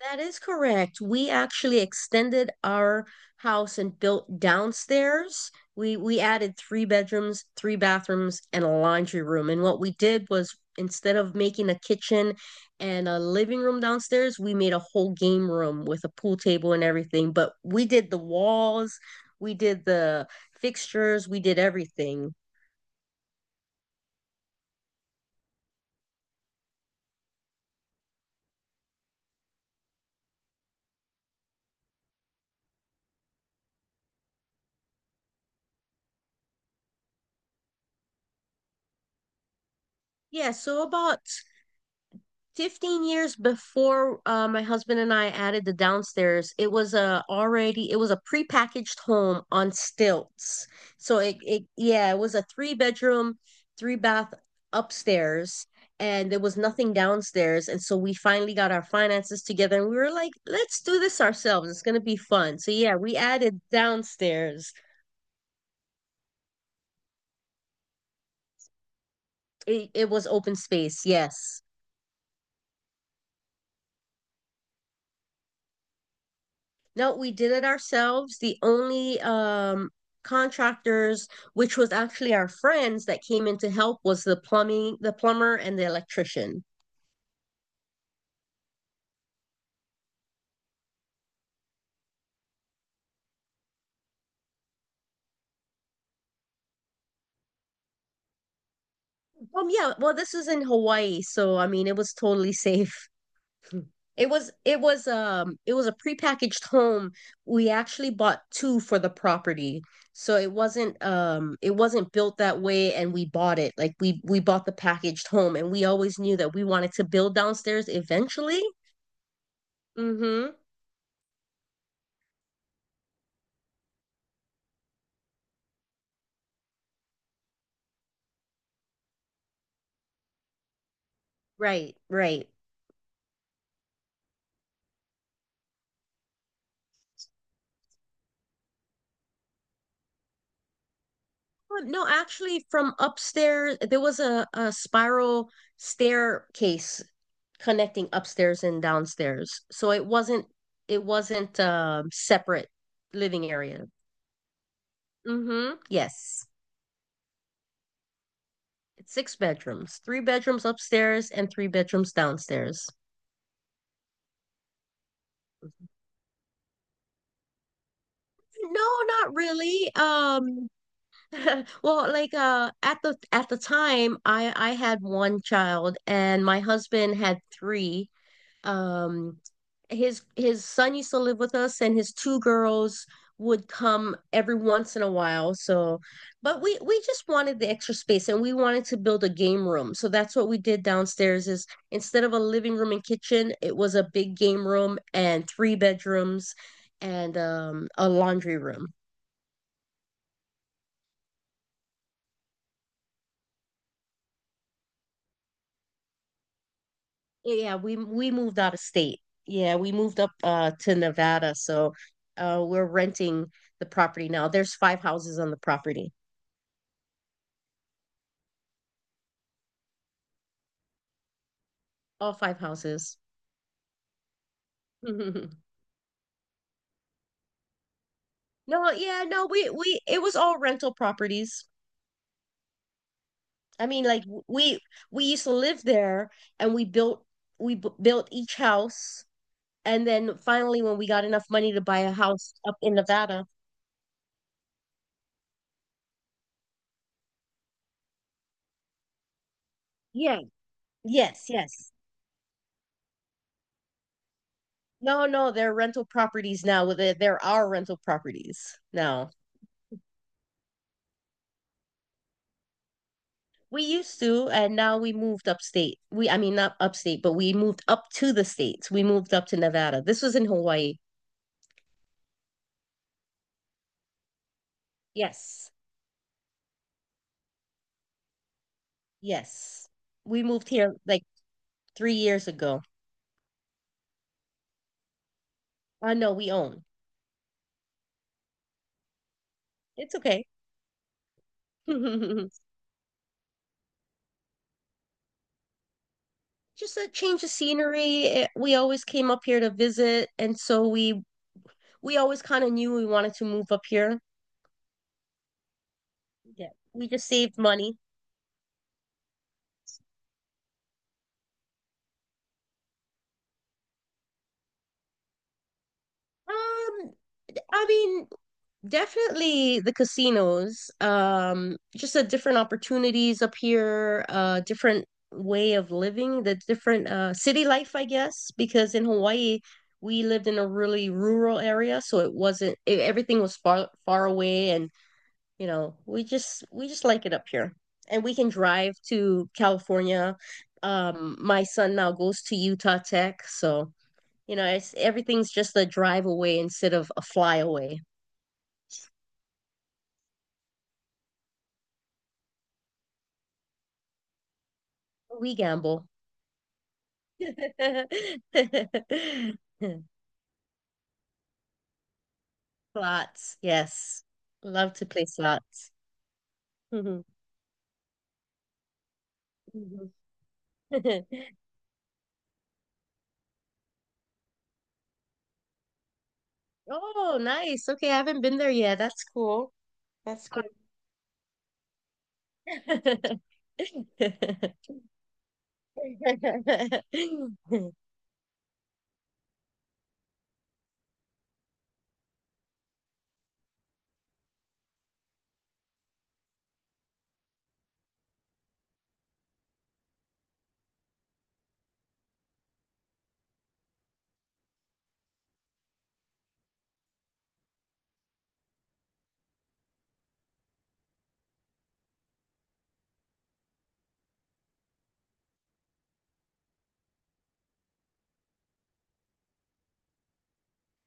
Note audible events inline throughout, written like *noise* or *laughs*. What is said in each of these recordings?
That is correct. We actually extended our house and built downstairs. We added three bedrooms, three bathrooms, and a laundry room. And what we did was, instead of making a kitchen and a living room downstairs, we made a whole game room with a pool table and everything. But we did the walls, we did the fixtures, we did everything. Yeah, so about 15 years before my husband and I added the downstairs, it was a prepackaged home on stilts. So it yeah, it was a three bedroom, three bath upstairs, and there was nothing downstairs. And so we finally got our finances together and we were like, let's do this ourselves, it's going to be fun. So yeah, we added downstairs. It was open space, yes. No, we did it ourselves. The only contractors, which was actually our friends that came in to help, was the plumbing, the plumber, and the electrician. Yeah, well, this is in Hawaii, so I mean, it was totally safe. *laughs* It was, it was a prepackaged home. We actually bought two for the property. So it wasn't, it wasn't built that way, and we bought it. Like, we bought the packaged home and we always knew that we wanted to build downstairs eventually. Mhm. Right, right. No, actually, from upstairs, there was a, spiral staircase connecting upstairs and downstairs. So it wasn't, it wasn't separate living area. Mm-hmm. Yes. It's six bedrooms, three bedrooms upstairs and three bedrooms downstairs. No, not really. *laughs* Well, like at the time, I had one child and my husband had three. um his son used to live with us and his two girls would come every once in a while. So but we just wanted the extra space and we wanted to build a game room. So that's what we did downstairs, is instead of a living room and kitchen, it was a big game room and three bedrooms and a laundry room. Yeah, we moved out of state. Yeah, we moved up to Nevada. So we're renting the property now. There's five houses on the property. All five houses. *laughs* No, yeah, no, we it was all rental properties. I mean, like we used to live there, and we built, we b built each house, and then finally when we got enough money to buy a house up in Nevada. Yeah. Yes, yes. No, no, they're rental properties now. They're our rental properties now. We used to, and now we moved upstate. We, I mean, not upstate, but we moved up to the states. We moved up to Nevada. This was in Hawaii. Yes. Yes. We moved here like 3 years ago. I know, we own. It's okay. *laughs* Just a change of scenery. Eh, we always came up here to visit, and so we always kind of knew we wanted to move up here. Yeah. We just saved money. Um, I mean, definitely the casinos. Just a different opportunities up here, different way of living, the different city life, I guess, because in Hawaii we lived in a really rural area, so it wasn't, everything was far far away, and you know, we just like it up here, and we can drive to California. My son now goes to Utah Tech, so you know, it's everything's just a drive away instead of a fly away. We gamble. *laughs* Slots, yes. Love to play slots. Mhm. Mhm. *laughs* Oh, nice. Okay, I haven't been there yet. That's cool. That's cool. *laughs*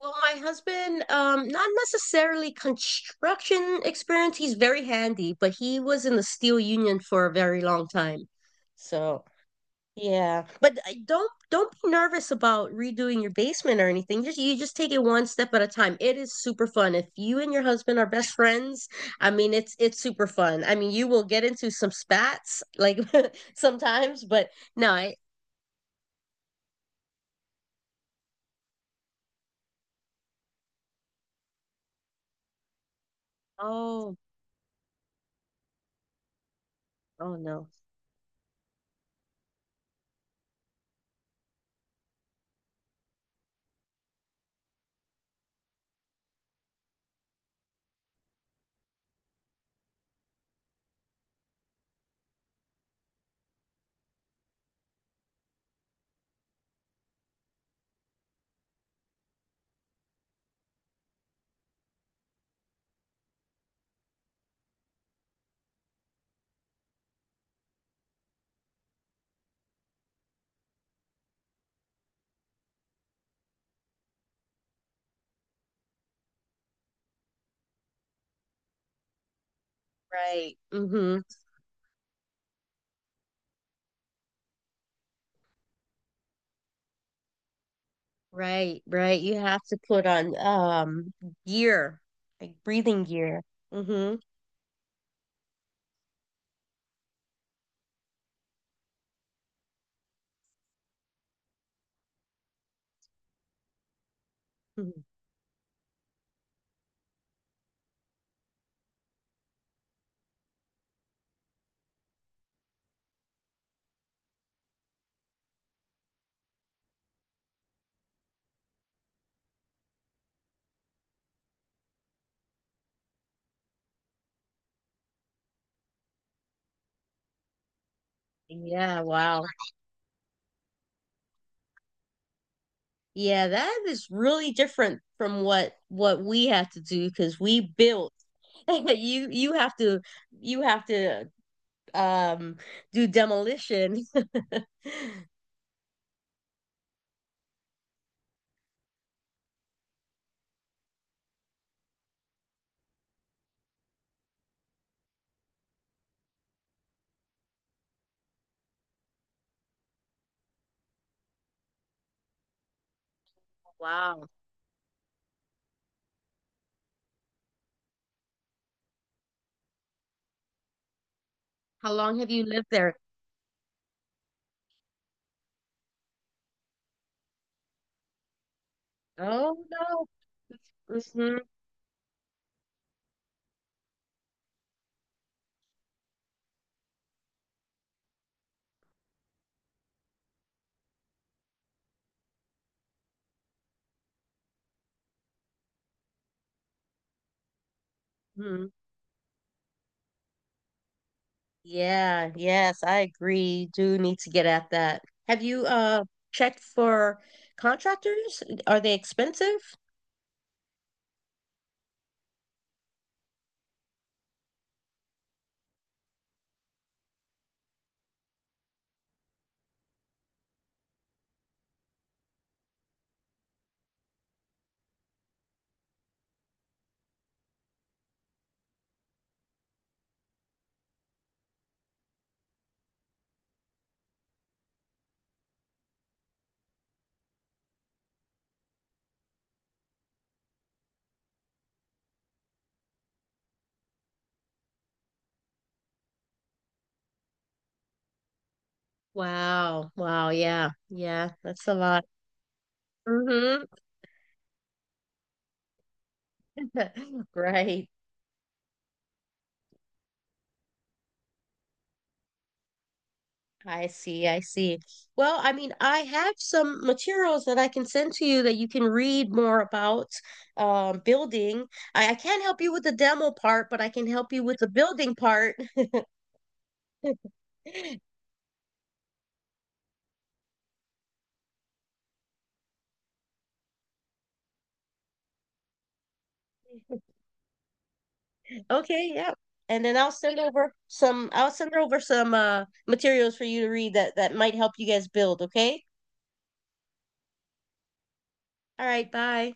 Well, my husband, not necessarily construction experience. He's very handy, but he was in the steel union for a very long time. So yeah, but don't be nervous about redoing your basement or anything. Just, you just take it one step at a time. It is super fun. If you and your husband are best friends, I mean, it's super fun. I mean, you will get into some spats like *laughs* sometimes, but no, I, oh, oh no. Right. Mm-hmm. Right, right. You have to put on gear, like breathing gear. Mm-hmm. Yeah, wow. Yeah, that is really different from what we have to do, because we built. *laughs* You have to, you have to um do demolition. *laughs* Wow. How long have you lived there? Oh no. Mhm, mhm. Yeah, yes, I agree. Do need to get at that. Have you checked for contractors? Are they expensive? Wow. Wow, yeah. Yeah, that's a lot. Mm-hmm. *laughs* Right. I see, I see. Well, I mean, I have some materials that I can send to you that you can read more about, building. I can't help you with the demo part, but I can help you with the building part. *laughs* Okay, yeah. And then I'll send over some materials for you to read that that might help you guys build, okay? All right, bye.